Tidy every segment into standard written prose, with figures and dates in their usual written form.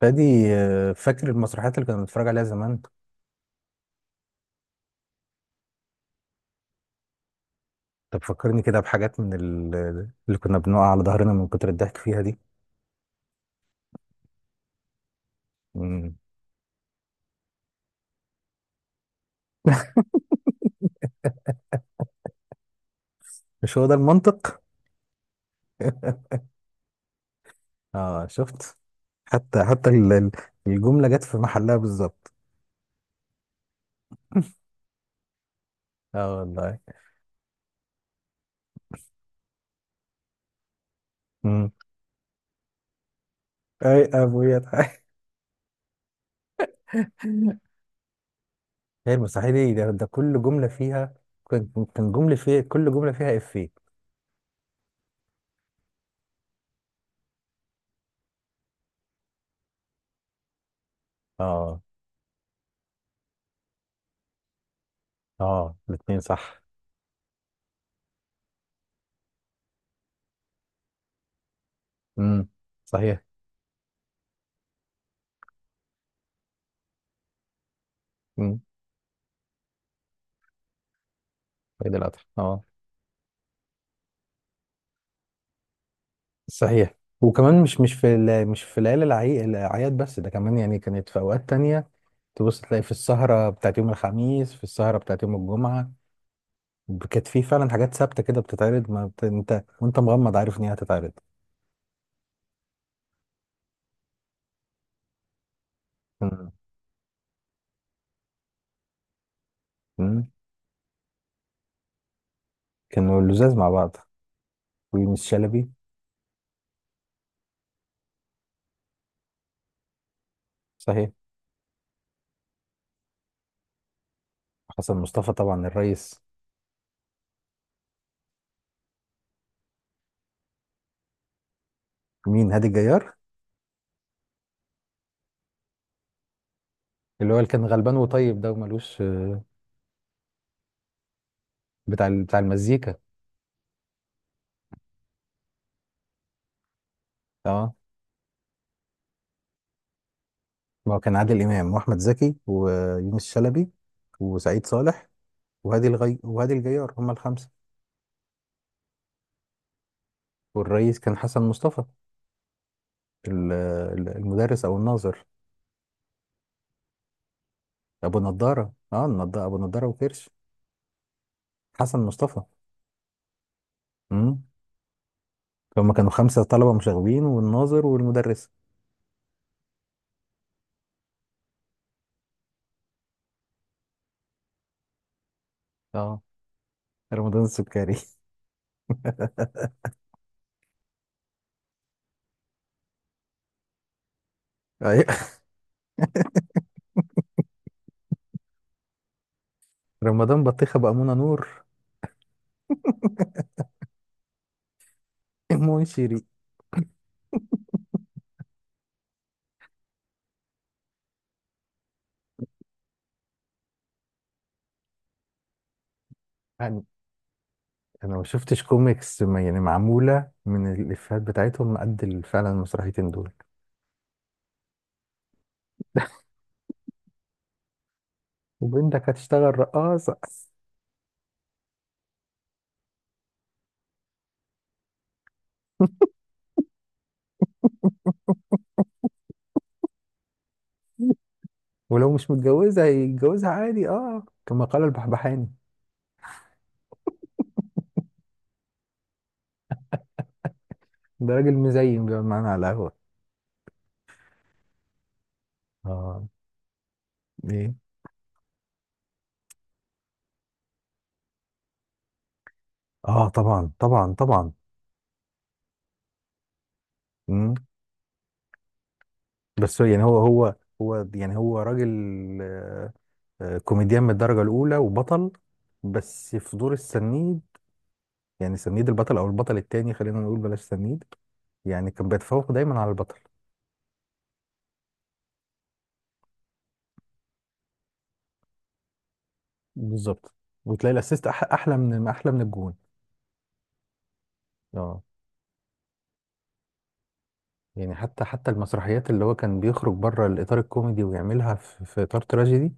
فادي، آه، فاكر المسرحيات اللي كنا بنتفرج عليها زمان؟ طب فكرني كده بحاجات اللي كنا بنقع على ظهرنا من كتر الضحك فيها دي. مم. مش هو ده المنطق؟ اه، شفت. حتى الجملة جت في محلها بالظبط. اه والله. مم. اي ابويا تعالى. هي المسرحية دي، ده كل جملة فيها، كان كل جملة فيها إفيه. اه. اه، الاتنين صح. امم، صحيح. امم، سيد القطر، اه. صحيح. وكمان مش مش في ليالي الاعياد بس، ده كمان يعني كانت في اوقات تانية. تبص تلاقي في السهرة بتاعت يوم الخميس، في السهرة بتاعت يوم الجمعة. كانت في فعلا حاجات ثابتة كده بتتعرض، ما بت... انت وانت مغمض عارف ان هي هتتعرض. مم. مم. كانوا اللزاز مع بعض. ويونس شلبي. صحيح. حسن مصطفى طبعا الرئيس. مين؟ هادي الجيار، اللي هو اللي كان غلبان وطيب ده ومالوش بتاع المزيكا. اه، ما هو كان عادل امام واحمد زكي ويونس شلبي وسعيد صالح، وهادي الجيار، هما الخمسة. والرئيس كان حسن مصطفى. ال- المدرس أو الناظر. أبو نضارة وكرش. حسن مصطفى. امم هما كانوا خمسة طلبة مشاغبين والناظر والمدرس. اه، رمضان السكري. أيوة. رمضان بطيخة بأمونة نور. منشري. يعني أنا ما شفتش كوميكس، يعني معمولة من الإفيهات بتاعتهم قد فعلا المسرحيتين دول. وبنتك هتشتغل رقاصة. ولو مش متجوزة هيتجوزها عادي، كما قال البحبحاني. ده راجل مزين بيقعد معانا على القهوة. اه. ايه؟ اه، طبعا طبعا طبعا. مم. بس هو يعني هو. هو يعني هو راجل. آه، كوميديان من الدرجة الأولى وبطل، بس في دور السنيد. يعني سنيد البطل أو البطل التاني، خلينا نقول بلاش سنيد. يعني كان بيتفوق دايما على البطل. بالظبط. وتلاقي الأسيست أحلى من الجون. اه، يعني حتى المسرحيات اللي هو كان بيخرج بره الإطار الكوميدي ويعملها في إطار تراجيدي،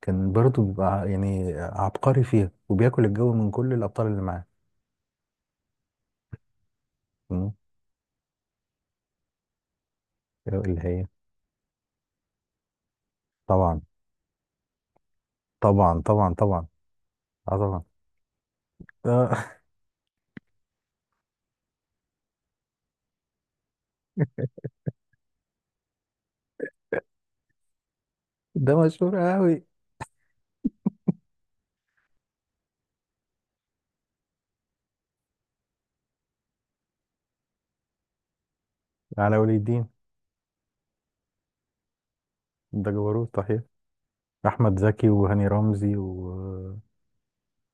كان برضه بيبقى يعني عبقري فيها وبياكل الجو من كل الأبطال اللي معاه. مم. اللي هي. طبعا طبعا طبعا طبعا. اه طبعا. آه، ده مشهور قوي. على ولي الدين. ده جبروت صحيح. أحمد زكي وهاني رمزي و،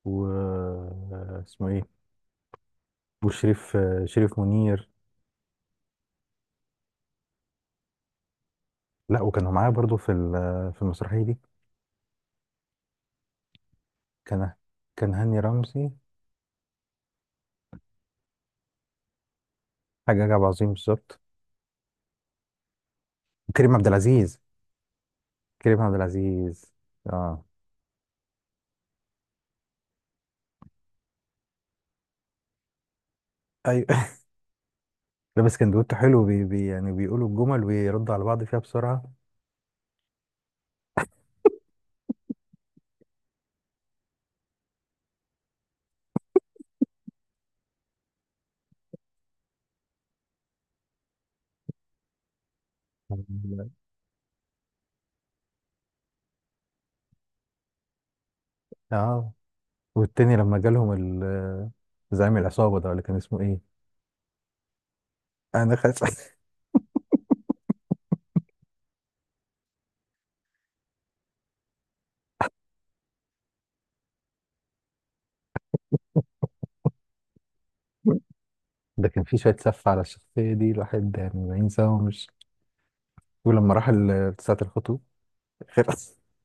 و... اسمه إيه؟ وشريف. شريف منير. لا، وكانوا معاه برضه في المسرحية دي. كان كان هاني رمزي. حاجة جاب عظيم بالظبط. كريم عبد العزيز. كريم عبد العزيز. اه. ايوه. لابس كندوته حلو بي بي، يعني بيقولوا الجمل ويردوا على بعض فيها بسرعة. اه، والتاني لما جالهم ال- زعيم العصابة ده، ولا كان اسمه ايه؟ آه، انا خايف. ده كان في شوية سف على الشخصية دي، الواحد يعني ما ينساهمش. ولما راح ساعة الخطوة. خلاص.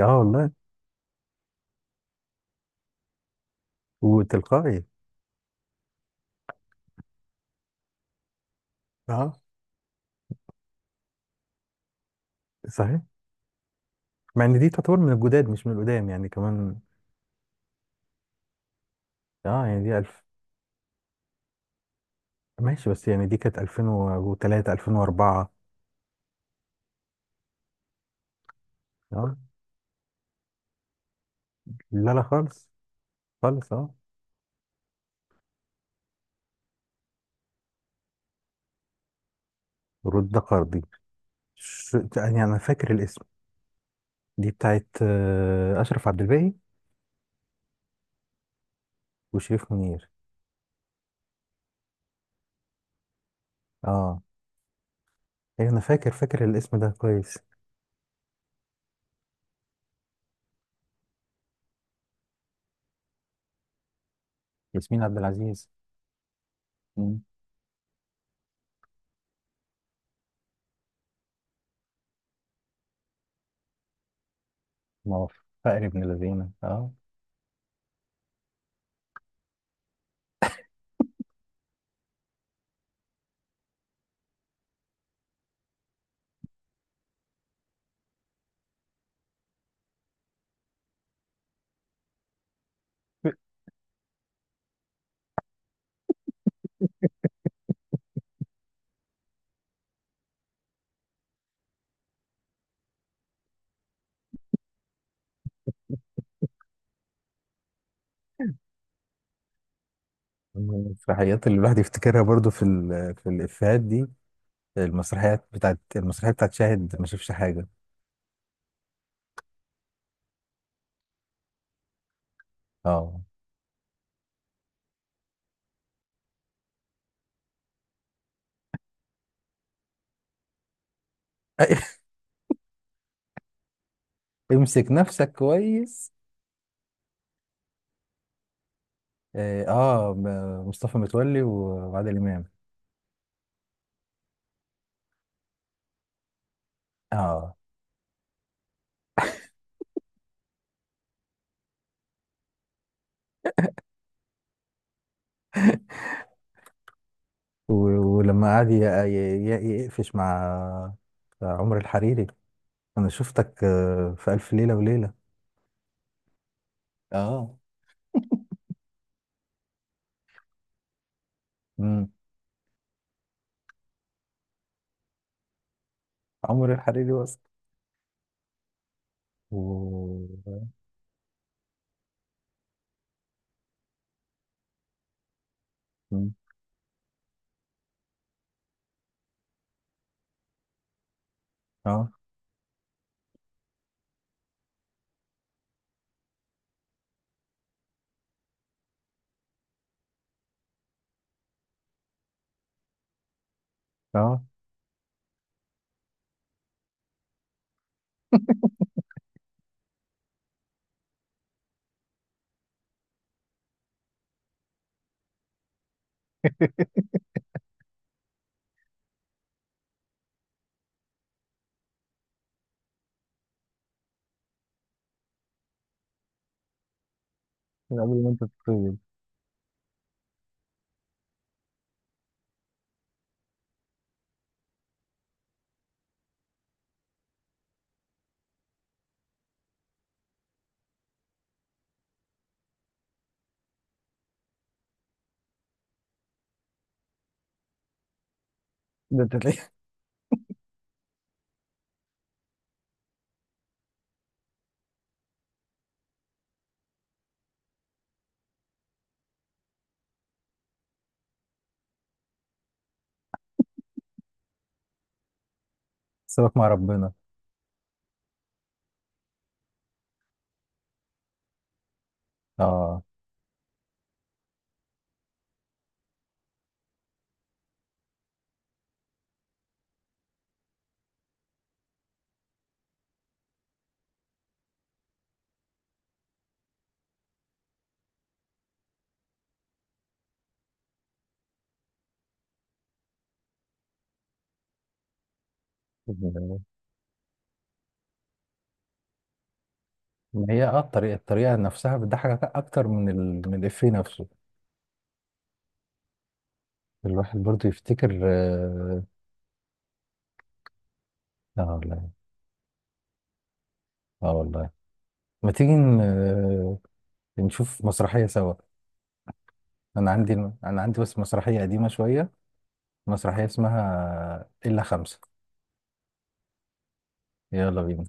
اه والله. وتلقائي. اه صحيح. مع ان دي تعتبر من الجداد مش من القدام يعني كمان. اه يعني دي. ماشي، بس يعني دي كانت 2003 2004. اه، لا لا خالص. خالص اه. رد قرضي. يعني انا فاكر الاسم. دي بتاعت اشرف عبد الباقي. وشريف منير. اه، ايه، انا فاكر الاسم ده كويس. ياسمين عبد العزيز. مم. ما هو. فقر ابن الذين، اه. المسرحيات اللي الواحد يفتكرها برضو في الافيهات دي. المسرحيات بتاعت المسرحيه بتاعت شاهد ما شافش حاجه. اه. امسك نفسك كويس. اه، مصطفى متولي و- وعادل امام. اه. و- ولما قعد يقفش مع، مع عمر الحريري. انا شفتك في الف ليله وليله. اه. امم. عمر الحريري وصل. و... مم. اه. اه. من قبل ما انت تتخيل. ده انت تلاقيه. سيبك مع ربنا. اه. ما هي، الطريقه نفسها بتضحك اكتر من الافيه نفسه. الواحد برضه يفتكر، اه. آه والله. اه والله. ما تيجي نشوف مسرحية سوا. أنا عندي أنا عندي بس مسرحية قديمة شوية. مسرحية اسمها إلا خمسة. يلا بينا.